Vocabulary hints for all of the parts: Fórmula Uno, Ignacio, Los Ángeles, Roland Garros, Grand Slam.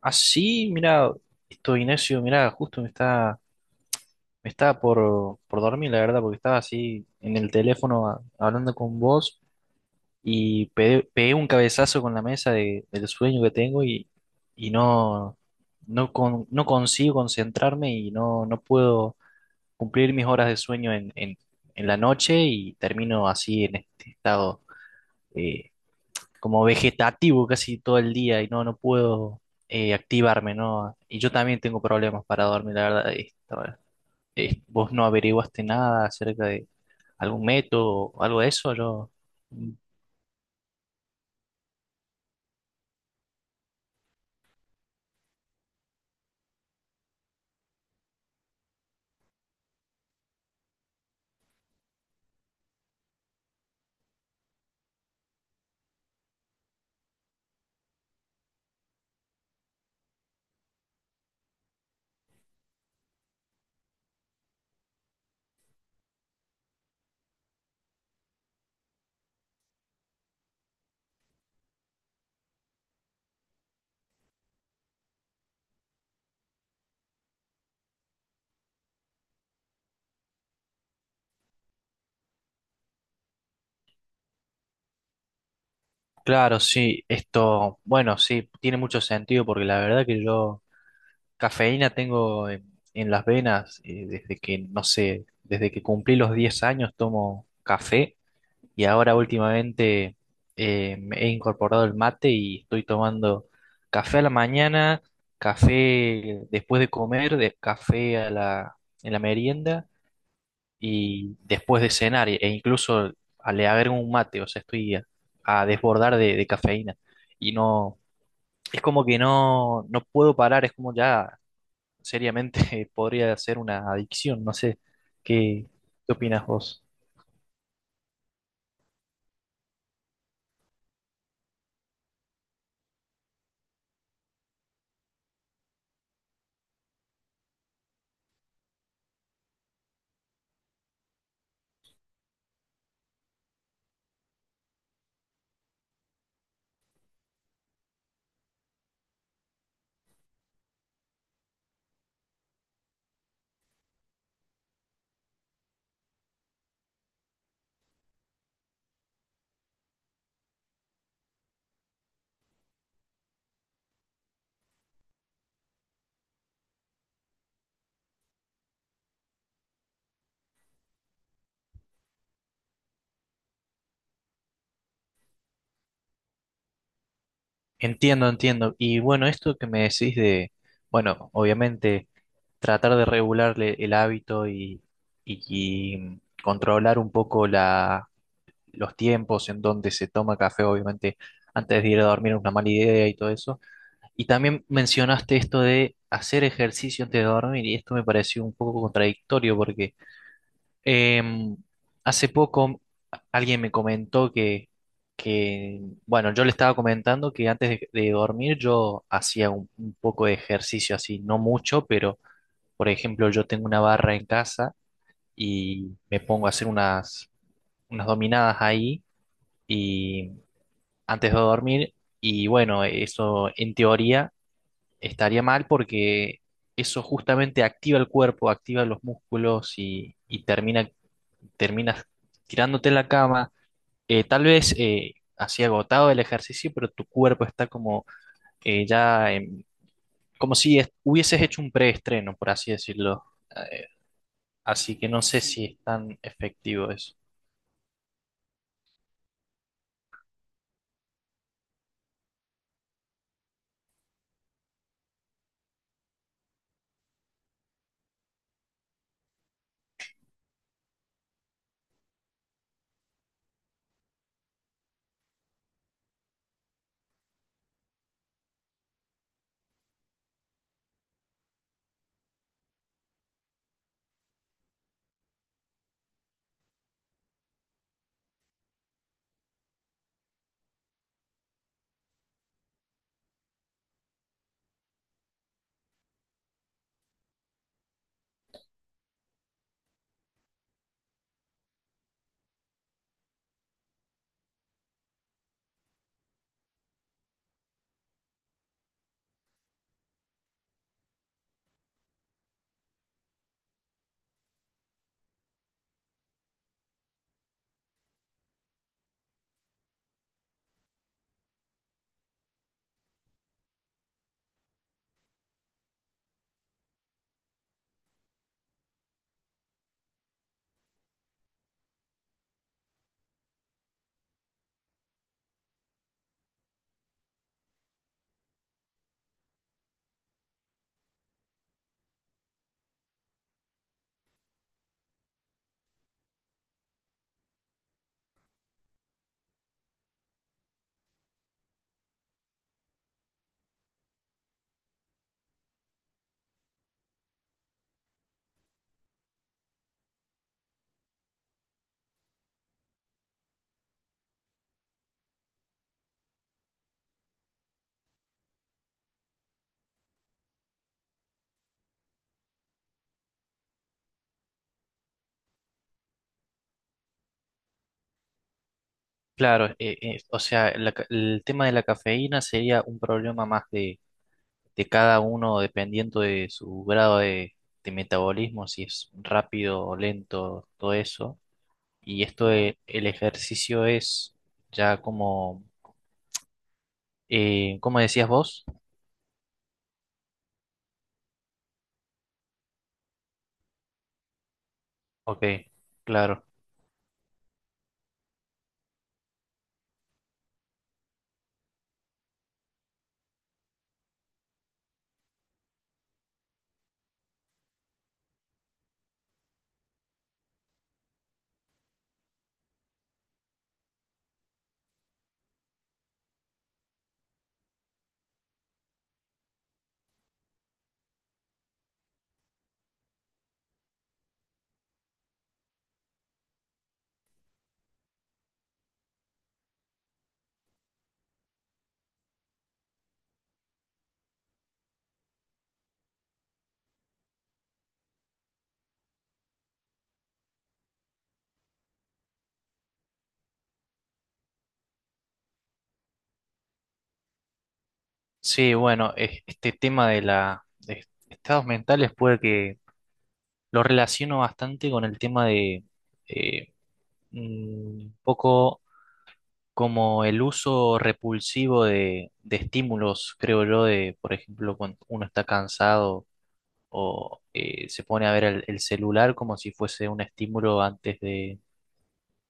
Ah, sí, mira, esto Ignacio, mira, justo me está, me estaba por dormir, la verdad, porque estaba así en el teléfono hablando con vos y pegué un cabezazo con la mesa del sueño que tengo y no, no, no consigo concentrarme y no, no puedo cumplir mis horas de sueño en la noche y termino así en este estado eh, como vegetativo casi todo el día y no, no puedo activarme, ¿no? Y yo también tengo problemas para dormir, la verdad. ¿Vos no averiguaste nada acerca de algún método o algo de eso? Yo... Mm, claro, sí, esto, bueno, sí, tiene mucho sentido porque la verdad que yo cafeína tengo en las venas, desde que, no sé, desde que cumplí los 10 años tomo café. Y ahora últimamente me he incorporado el mate y estoy tomando café a la mañana, café después de comer, de café a la, en la merienda y después de cenar. E incluso le agrego un mate, o sea, estoy a desbordar de cafeína. Y no, es como que no, no puedo parar, es como ya seriamente podría ser una adicción, no sé, ¿qué, qué opinas vos? Entiendo, entiendo. Y bueno, esto que me decís de, bueno, obviamente tratar de regularle el hábito y, y- y controlar un poco la, los tiempos en donde se toma café; obviamente antes de ir a dormir es una mala idea y todo eso. Y también mencionaste esto de hacer ejercicio antes de dormir y esto me pareció un poco contradictorio porque... Em, hace poco alguien me comentó que, bueno, yo le estaba comentando que antes de dormir yo hacía un poco de ejercicio así, no mucho, pero por ejemplo yo tengo una barra en casa y me pongo a hacer unas, unas dominadas ahí y antes de dormir, y bueno, eso en teoría estaría mal porque eso justamente activa el cuerpo, activa los músculos y termina, terminas tirándote en la cama, tal vez, así agotado del ejercicio, pero tu cuerpo está como eh, ya, em, como si hubieses hecho un preestreno, por así decirlo. Eh, Así que no sé si es tan efectivo eso. Claro, o sea, la el tema de la cafeína sería un problema más de cada uno dependiendo de su grado de metabolismo, si es rápido o lento, todo eso. Y esto el ejercicio es ya como... ¿cómo decías vos? Ok, claro. Sí, bueno, este tema de la de estados mentales puede que lo relaciono bastante con el tema de eh, un poco como el uso repulsivo de estímulos, creo yo, de, por ejemplo, cuando uno está cansado o se pone a ver el celular como si fuese un estímulo antes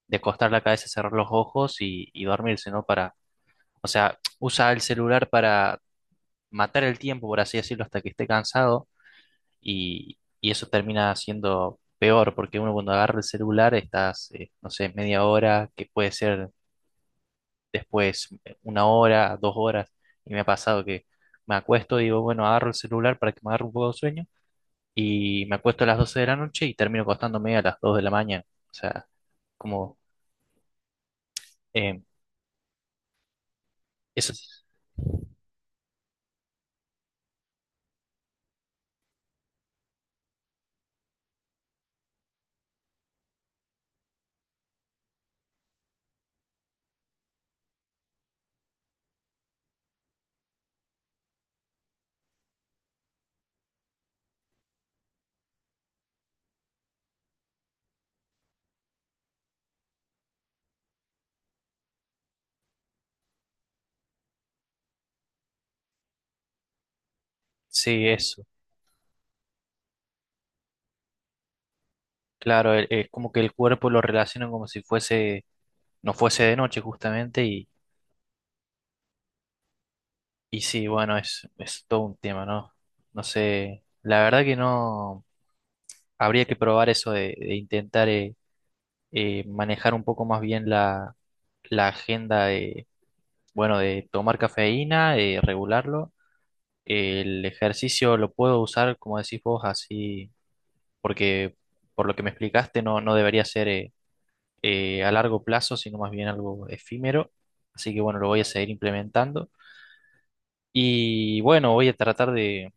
de acostar la cabeza, cerrar los ojos y dormirse, ¿no? Para, o sea, usa el celular para matar el tiempo, por así decirlo, hasta que esté cansado, y eso termina siendo peor, porque uno cuando agarra el celular estás, no sé, media hora, que puede ser después 1 hora, 2 horas, y me ha pasado que me acuesto y digo, bueno, agarro el celular para que me agarre un poco de sueño y me acuesto a las 12 de la noche y termino acostándome a las 2 de la mañana, o sea, como, eh, eso, es- sí, eso. Claro, es como que el cuerpo lo relaciona como si fuese, no fuese de noche justamente. Y sí, bueno, es todo un tema, ¿no? No sé, la verdad que no, habría que probar eso de intentar manejar un poco más bien la, la agenda de, bueno, de tomar cafeína, de regularlo. El ejercicio lo puedo usar, como decís vos, así, porque por lo que me explicaste no, no debería ser a largo plazo, sino más bien algo efímero. Así que bueno, lo voy a seguir implementando. Y bueno, voy a tratar de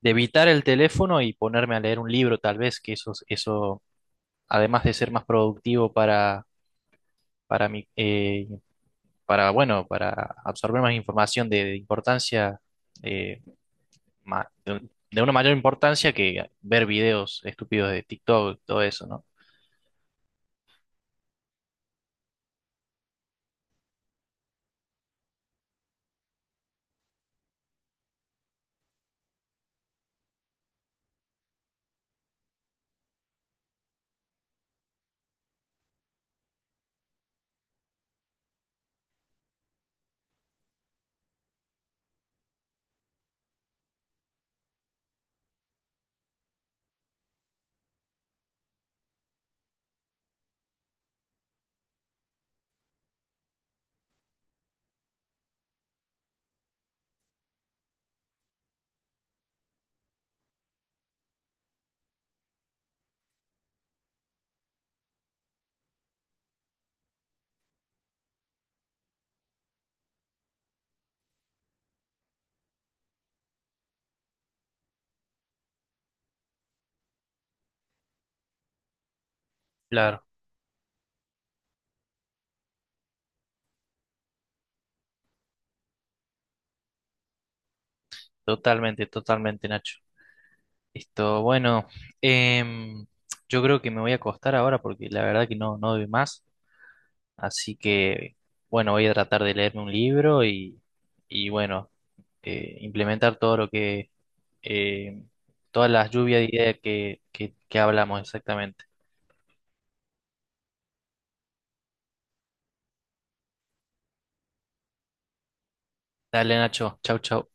de evitar el teléfono y ponerme a leer un libro, tal vez, que eso, además de ser más productivo para mi, para, bueno, para absorber más información de importancia, eh, de una mayor importancia que ver videos estúpidos de TikTok, todo eso, ¿no? Claro, totalmente, totalmente, Nacho. Esto, bueno, em, yo creo que me voy a acostar ahora porque la verdad que no, no doy más. Así que, bueno, voy a tratar de leerme un libro y bueno, implementar todo lo que, eh, todas las lluvias de ideas que hablamos exactamente. Dale, Nacho, chau, chau.